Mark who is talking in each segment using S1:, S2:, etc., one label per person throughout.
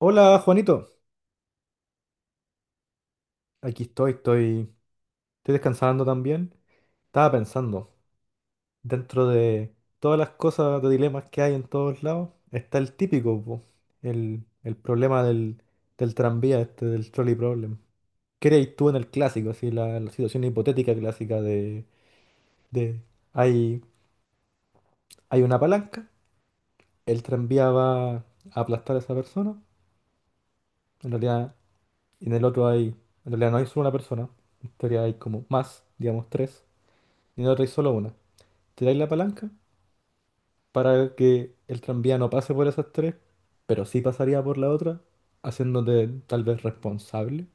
S1: Hola Juanito, aquí estoy descansando también. Estaba pensando, dentro de todas las cosas de dilemas que hay en todos lados, está el típico, po, el problema del tranvía, del trolley problem. ¿Qué harías tú en el clásico, así, la situación hipotética clásica de, de hay, hay una palanca, el tranvía va a aplastar a esa persona, en realidad, en el otro hay, en realidad no hay solo una persona, en teoría hay como más, digamos tres, y en el otro hay solo una. Tiráis la palanca para que el tranvía no pase por esas tres, pero sí pasaría por la otra, haciéndote tal vez responsable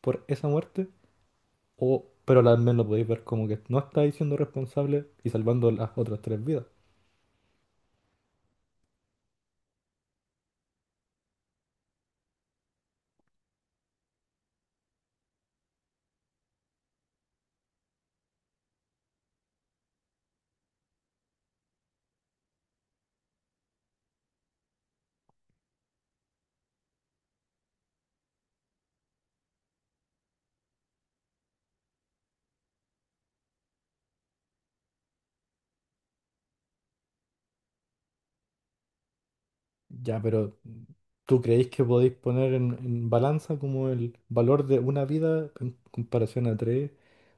S1: por esa muerte, o, pero al menos podéis ver como que no estáis siendo responsable y salvando las otras tres vidas. Ya, pero ¿tú creéis que podéis poner en balanza como el valor de una vida en comparación a tres?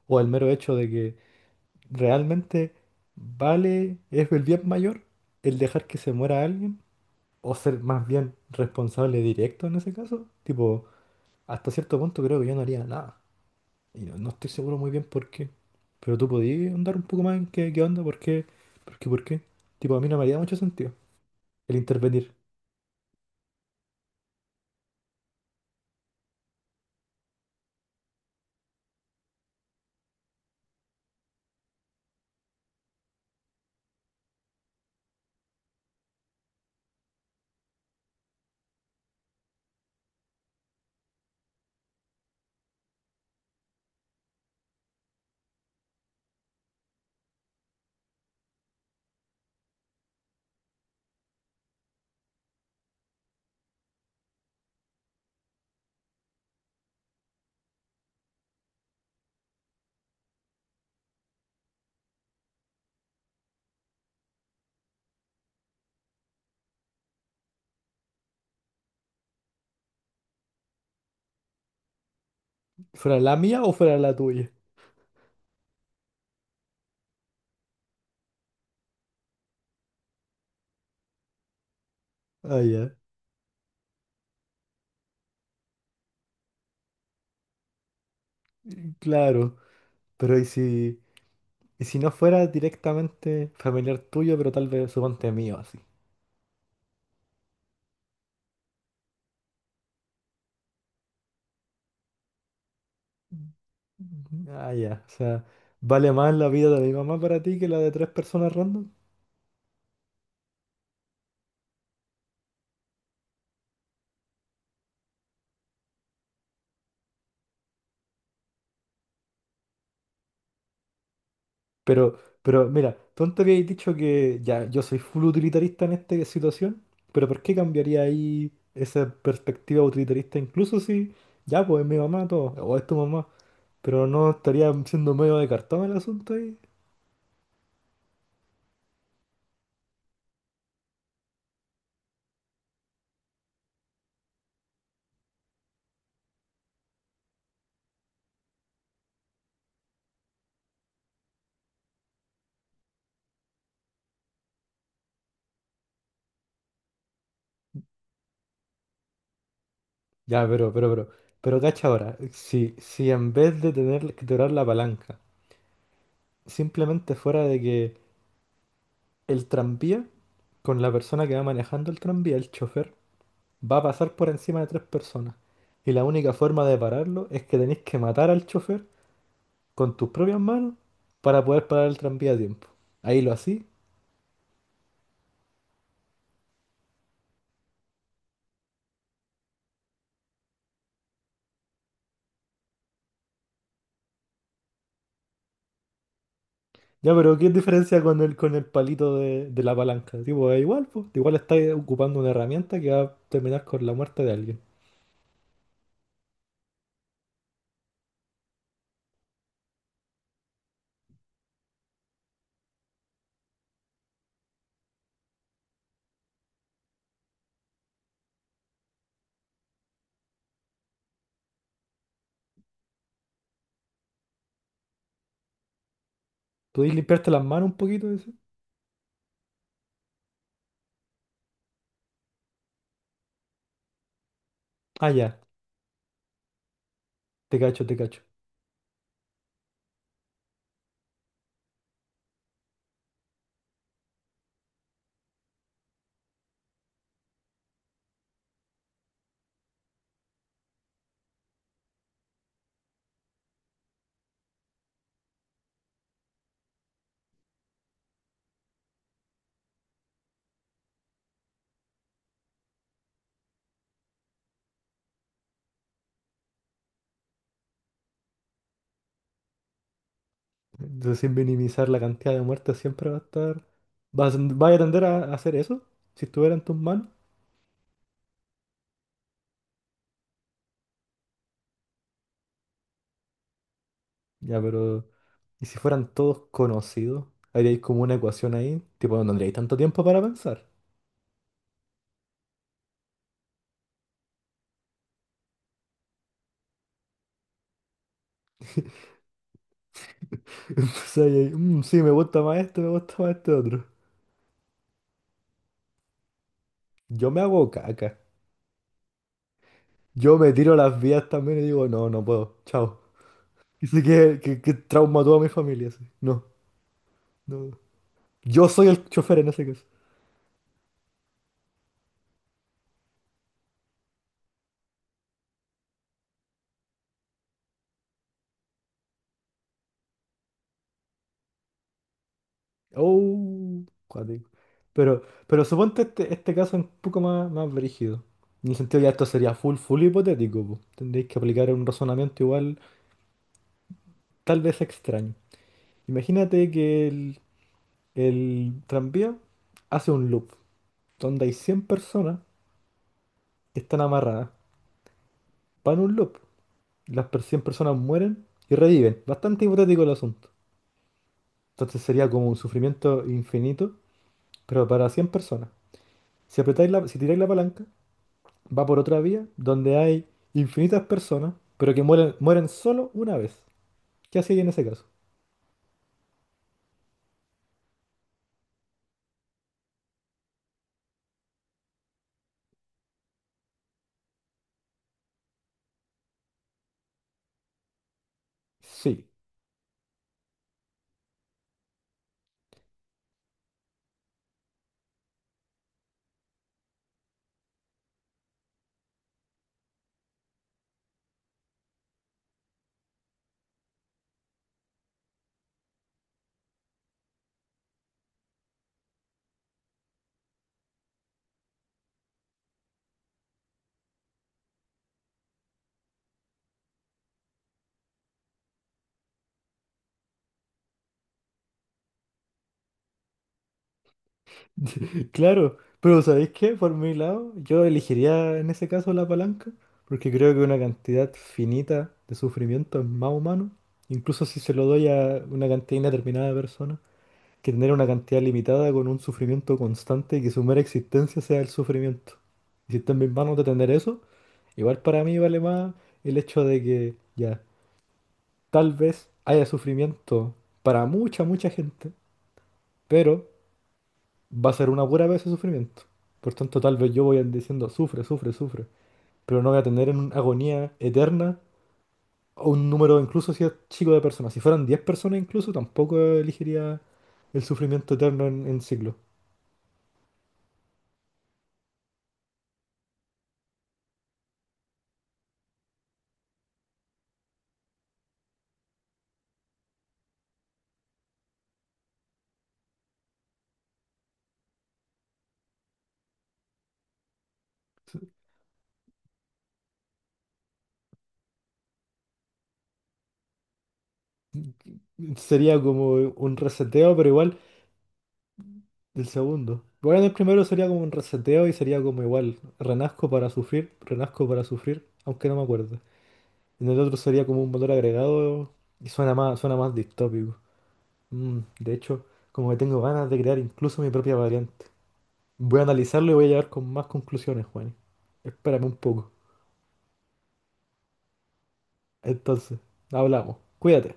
S1: ¿O el mero hecho de que realmente vale, es el bien mayor el dejar que se muera alguien? O ser más bien responsable directo en ese caso. Tipo, hasta cierto punto creo que yo no haría nada. Y no estoy seguro muy bien por qué. Pero tú podías andar un poco más en qué onda, por qué. Tipo, a mí no me haría mucho sentido el intervenir. ¿Fuera la mía o fuera la tuya? Ah, ya. Mm, claro. Pero y si no fuera directamente familiar tuyo, pero tal vez suponte mío, así? Mm. Ah, ya. O sea, ¿vale más la vida de mi mamá para ti que la de tres personas random? Pero, pero mira, tú antes habías dicho que ya yo soy full utilitarista en esta situación, pero ¿por qué cambiaría ahí esa perspectiva utilitarista? Incluso si ya pues es mi mamá todo, o es tu mamá, pero no estaría siendo medio de cartón el asunto ahí. Ya, pero cacha ahora, si en vez de tener que tirar la palanca, simplemente fuera de que el, tranvía, con la persona que va manejando el tranvía, el chofer, va a pasar por encima de tres personas. Y la única forma de pararlo es que tenéis que matar al chofer con tus propias manos para poder parar el tranvía a tiempo. Ahí lo así. Ya, pero ¿qué diferencia con con el palito de la palanca? Tipo, es igual, pues. Igual estáis ocupando una herramienta que va a terminar con la muerte de alguien. ¿Podéis limpiarte las manos un poquito? Dice? Ah, ya, te cacho, te cacho. Entonces, sin minimizar la cantidad de muertes, siempre va a estar. ¿Vas a tender a hacer eso? Si estuviera en tus manos. Ya, Y si fueran todos conocidos, haríais como una ecuación ahí, tipo, no tendríais tanto tiempo para pensar. Entonces ahí, hay, "Mm, sí, me gusta más este, me gusta más este otro. Yo me hago caca. Yo me tiro las vías también y digo, no, no puedo, chao. Y sé que trauma a toda mi familia, así. No, no. Yo soy el chofer en ese caso. Oh, cuático. Pero, pero suponte este caso un poco más brígido. En el sentido ya esto sería full, full hipotético, po. Tendréis que aplicar un razonamiento igual, tal vez extraño. Imagínate que el tranvía hace un loop donde hay 100 personas que están amarradas. Van a un loop. Las 100 personas mueren y reviven. Bastante hipotético el asunto. Entonces sería como un sufrimiento infinito, pero para 100 personas. Si tiráis la palanca, va por otra vía donde hay infinitas personas, pero que mueren solo una vez. ¿Qué hacéis en ese caso? Sí. Claro, pero ¿sabéis qué? Por mi lado, yo elegiría en ese caso la palanca, porque creo que una cantidad finita de sufrimiento es más humano, incluso si se lo doy a una cantidad indeterminada de personas, que tener una cantidad limitada con un sufrimiento constante y que su mera existencia sea el sufrimiento. Y si está en mis manos de tener eso, igual para mí vale más el hecho de que ya, tal vez haya sufrimiento para mucha, mucha gente, pero va a ser una pura vez de sufrimiento. Por tanto, tal vez yo voy a ir diciendo, sufre, sufre, sufre, pero no voy a tener en agonía eterna o un número, incluso si es chico de personas. Si fueran 10 personas incluso, tampoco elegiría el sufrimiento eterno en ciclo. Sería como un reseteo, pero igual del segundo. Igual del primero sería como un reseteo y sería como igual, renazco para sufrir, aunque no me acuerdo. En el otro sería como un motor agregado y suena más distópico. Mm, de hecho, como que tengo ganas de crear incluso mi propia variante. Voy a analizarlo y voy a llegar con más conclusiones, Juan. Espérame un poco. Entonces, hablamos. Cuídate.